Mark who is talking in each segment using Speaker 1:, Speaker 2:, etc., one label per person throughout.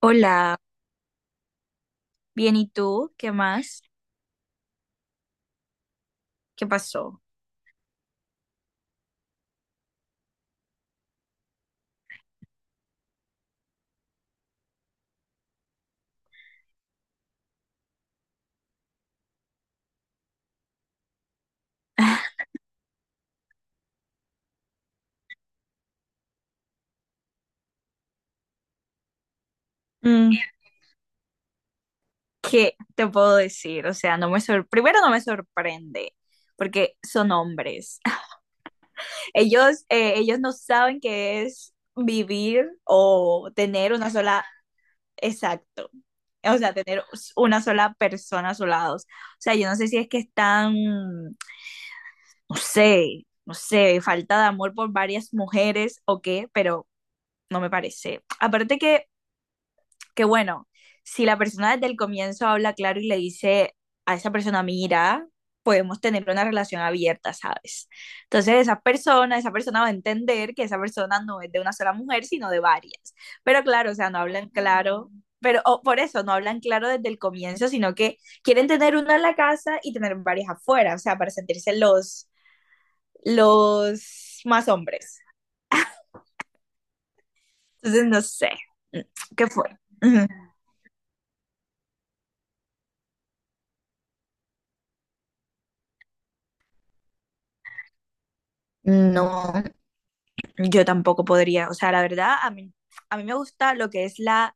Speaker 1: Hola, bien, ¿y tú? ¿Qué más? ¿Qué pasó? Mm, ¿Qué te puedo decir? O sea, primero no me sorprende, porque son hombres. Ellos no saben qué es vivir o tener una sola, exacto. O sea, tener una sola persona a su lado. O sea, yo no sé si es que están, no sé, no sé, falta de amor por varias mujeres o qué, pero no me parece. Aparte que bueno, si la persona desde el comienzo habla claro y le dice a esa persona, mira, podemos tener una relación abierta, ¿sabes? Entonces esa persona va a entender que esa persona no es de una sola mujer, sino de varias. Pero claro, o sea, no hablan claro, pero o por eso no hablan claro desde el comienzo, sino que quieren tener una en la casa y tener varias afuera, o sea, para sentirse los más hombres. Entonces, no sé, ¿qué fue? Ujú. No, yo tampoco podría, o sea, la verdad, a mí me gusta lo que es la,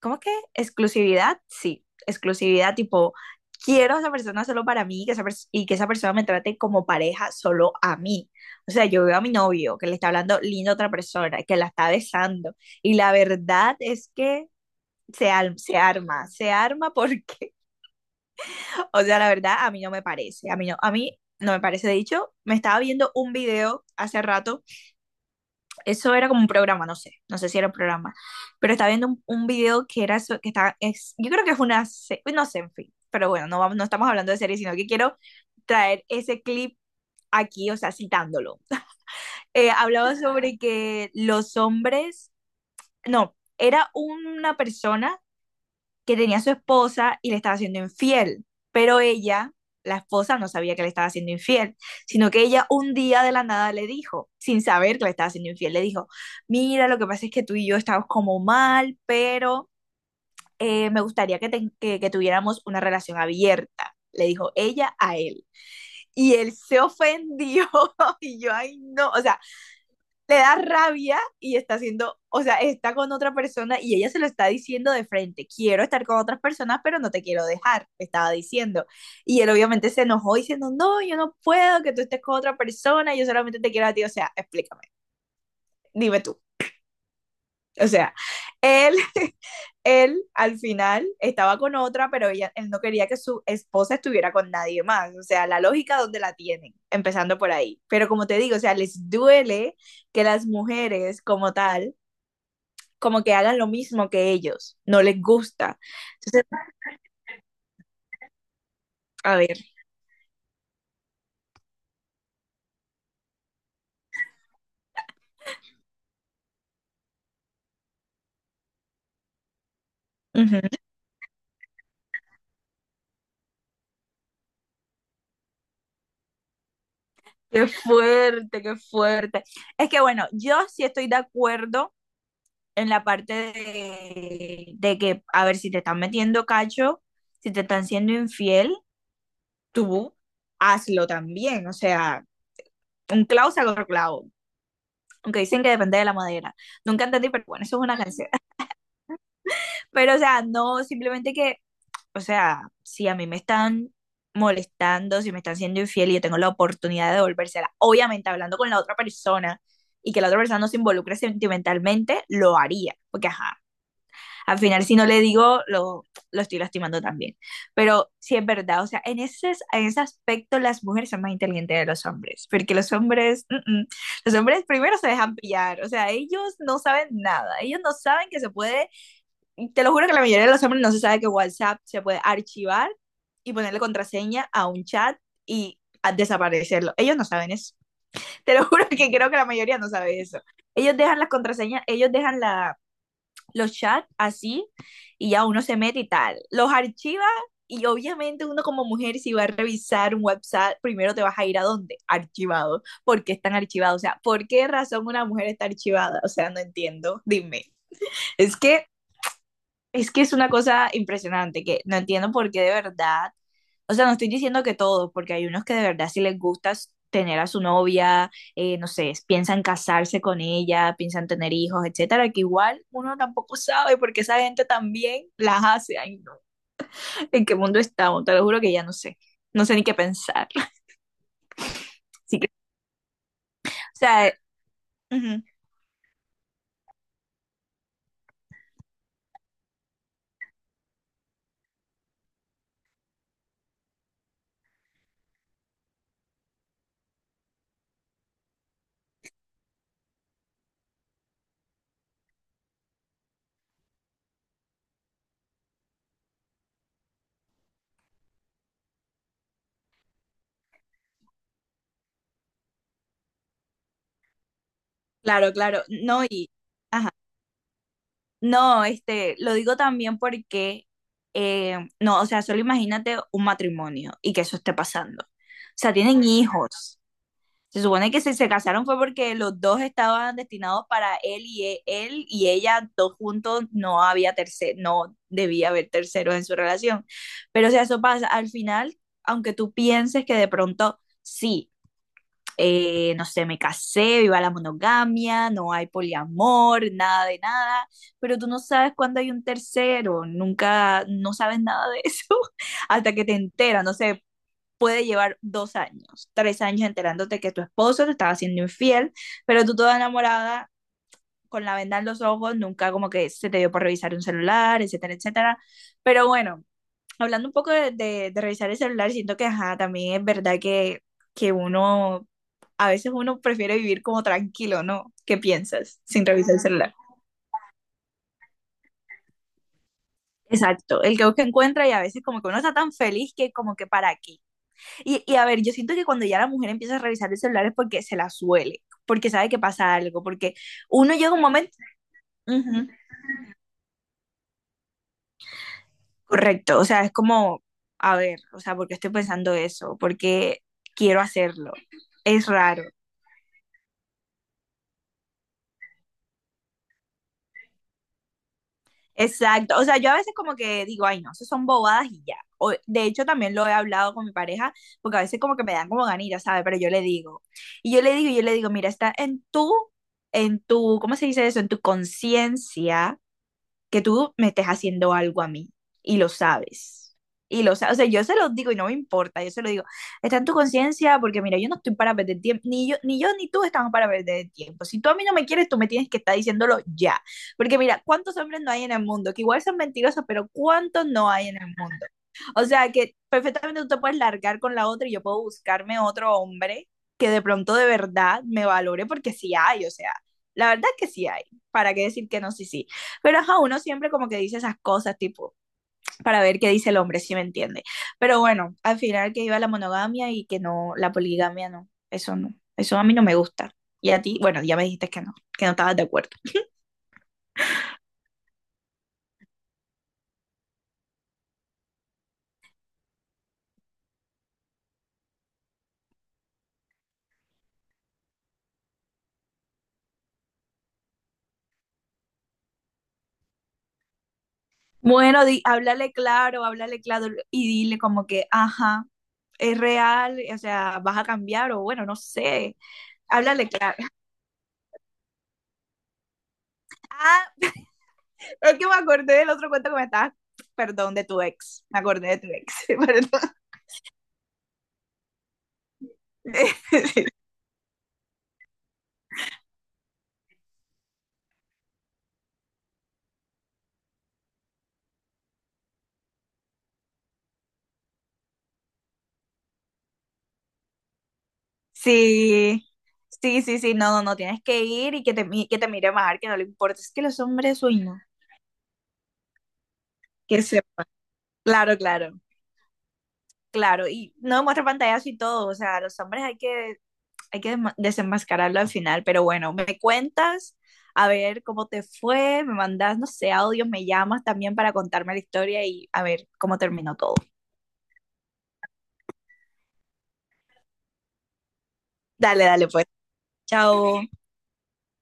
Speaker 1: ¿cómo es que? Exclusividad, sí, exclusividad tipo, quiero a esa persona solo para mí y que esa persona me trate como pareja solo a mí. O sea, yo veo a mi novio que le está hablando lindo a otra persona, que la está besando y la verdad es que se arma porque, o sea, la verdad a mí no me parece, a mí no me parece. De hecho, me estaba viendo un video hace rato. Eso era como un programa, no sé, no sé si era un programa, pero estaba viendo un video que era, que estaba, es, yo creo que fue una, no sé, en fin, pero bueno, no, no estamos hablando de series, sino que quiero traer ese clip aquí, o sea, citándolo. Hablaba sobre que los hombres, no, era una persona que tenía a su esposa y le estaba siendo infiel, pero ella, la esposa, no sabía que le estaba siendo infiel, sino que ella un día de la nada le dijo, sin saber que le estaba siendo infiel, le dijo, mira, lo que pasa es que tú y yo estamos como mal, pero me gustaría que tuviéramos una relación abierta, le dijo ella a él. Y él se ofendió y yo, ay, no, o sea, le da rabia y está haciendo, o sea, está con otra persona y ella se lo está diciendo de frente, quiero estar con otras personas, pero no te quiero dejar, estaba diciendo. Y él obviamente se enojó diciendo, no, yo no puedo que tú estés con otra persona, yo solamente te quiero a ti, o sea, explícame, dime tú. O sea, él, él al final estaba con otra, pero ella, él no quería que su esposa estuviera con nadie más. O sea, la lógica donde la tienen, empezando por ahí. Pero como te digo, o sea, les duele que las mujeres como tal como que hagan lo mismo que ellos, no les gusta. Entonces, a ver, ujú, qué fuerte, qué fuerte. Es que bueno, yo sí estoy de acuerdo en la parte de que, a ver, si te están metiendo cacho, si te están siendo infiel, tú hazlo también. O sea, un clavo saca otro clavo. Aunque dicen que depende de la madera. Nunca entendí, pero bueno, eso es una canción. Pero, o sea, no, simplemente que o sea, si a mí me están molestando, si me están siendo infiel y yo tengo la oportunidad de devolvérsela, obviamente hablando con la otra persona y que la otra persona no se involucre sentimentalmente, lo haría, porque ajá, al final si no le digo, lo estoy lastimando también. Pero sí es verdad, o sea, en ese aspecto las mujeres son más inteligentes de los hombres, porque los hombres, los hombres primero se dejan pillar, o sea, ellos no saben nada, ellos no saben que se puede. Te lo juro que la mayoría de los hombres no se sabe que WhatsApp se puede archivar y ponerle contraseña a un chat y a desaparecerlo. Ellos no saben eso. Te lo juro que creo que la mayoría no sabe eso. Ellos dejan las contraseñas, ellos dejan la, los chats así y ya uno se mete y tal. Los archiva y obviamente uno como mujer si va a revisar un WhatsApp primero te vas a ir, ¿a dónde? Archivado. ¿Por qué están archivados? O sea, ¿por qué razón una mujer está archivada? O sea, no entiendo. Dime. Es que es que es una cosa impresionante, que no entiendo por qué de verdad, o sea, no estoy diciendo que todos, porque hay unos que de verdad sí les gusta tener a su novia, no sé, piensan casarse con ella, piensan tener hijos, etcétera, que igual uno tampoco sabe porque esa gente también las hace. Ay, no. ¿En qué mundo estamos? Te lo juro que ya no sé. No sé ni qué pensar. Así que, o sea, ujú, claro, claro. No, y, ajá. No, este, lo digo también porque, no, o sea, solo imagínate un matrimonio y que eso esté pasando. O sea, tienen hijos. Se supone que si se casaron fue porque los dos estaban destinados para él y él y ella, dos juntos, no había no debía haber terceros en su relación. Pero o sea, eso pasa. Al final, aunque tú pienses que de pronto sí no sé, me casé, viva la monogamia, no hay poliamor, nada de nada, pero tú no sabes cuándo hay un tercero, nunca, no sabes nada de eso hasta que te enteras, no sé, puede llevar 2 años, 3 años enterándote que tu esposo te estaba haciendo infiel, pero tú toda enamorada, con la venda en los ojos, nunca como que se te dio por revisar un celular, etcétera, etcétera, pero bueno. Hablando un poco de, de revisar el celular, siento que, ajá, también es verdad que uno a veces uno prefiere vivir como tranquilo, ¿no? ¿Qué piensas? Sin revisar el celular. Exacto, el que busca encuentra y a veces como que uno está tan feliz que como que para aquí. Y a ver, yo siento que cuando ya la mujer empieza a revisar el celular es porque se la suele, porque sabe que pasa algo, porque uno llega un momento, ujú, correcto, o sea, es como, a ver, o sea, ¿por qué estoy pensando eso? ¿Por qué quiero hacerlo? Es raro. Exacto, o sea, yo a veces como que digo, ay, no, eso son bobadas y ya. O, de hecho, también lo he hablado con mi pareja, porque a veces como que me dan como ganillas, ¿sabes? Pero yo le digo, mira, está en tu, ¿cómo se dice eso? En tu conciencia que tú me estés haciendo algo a mí y lo sabes. Y lo sabes, o sea, yo se lo digo y no me importa, yo se lo digo, está en tu conciencia porque mira, yo no estoy para perder tiempo, ni yo ni tú estamos para perder tiempo. Si tú a mí no me quieres, tú me tienes que estar diciéndolo ya. Porque mira, ¿cuántos hombres no hay en el mundo? Que igual son mentirosos, pero ¿cuántos no hay en el mundo? O sea, que perfectamente tú te puedes largar con la otra y yo puedo buscarme otro hombre que de pronto de verdad me valore porque sí hay, o sea, la verdad es que sí hay. ¿Para qué decir que no? Sí, sí. Pero ajá, uno siempre como que dice esas cosas, tipo, para ver qué dice el hombre, si me entiende. Pero bueno, al final que iba la monogamia y que no, la poligamia no, eso no, eso a mí no me gusta. Y a ti, bueno, ya me dijiste que no estabas de acuerdo. Bueno, di, háblale claro y dile como que, ajá, es real, o sea, vas a cambiar o bueno, no sé, háblale claro. Ah, es que me acordé del otro cuento que me estabas, perdón, de tu ex, me acordé de tu ex, perdón. Sí, sí, sí, sí, no, no, no, tienes que ir y que te, que te mire bajar, que no le importa, es que los hombres, uy, no, que sepa. Claro, claro, claro, y no muestra pantallazo y todo, o sea, los hombres hay que, desenmascararlo al final, pero bueno, me cuentas, a ver cómo te fue, me mandas, no sé, audios, me llamas también para contarme la historia y a ver cómo terminó todo. Dale, dale, pues, chao.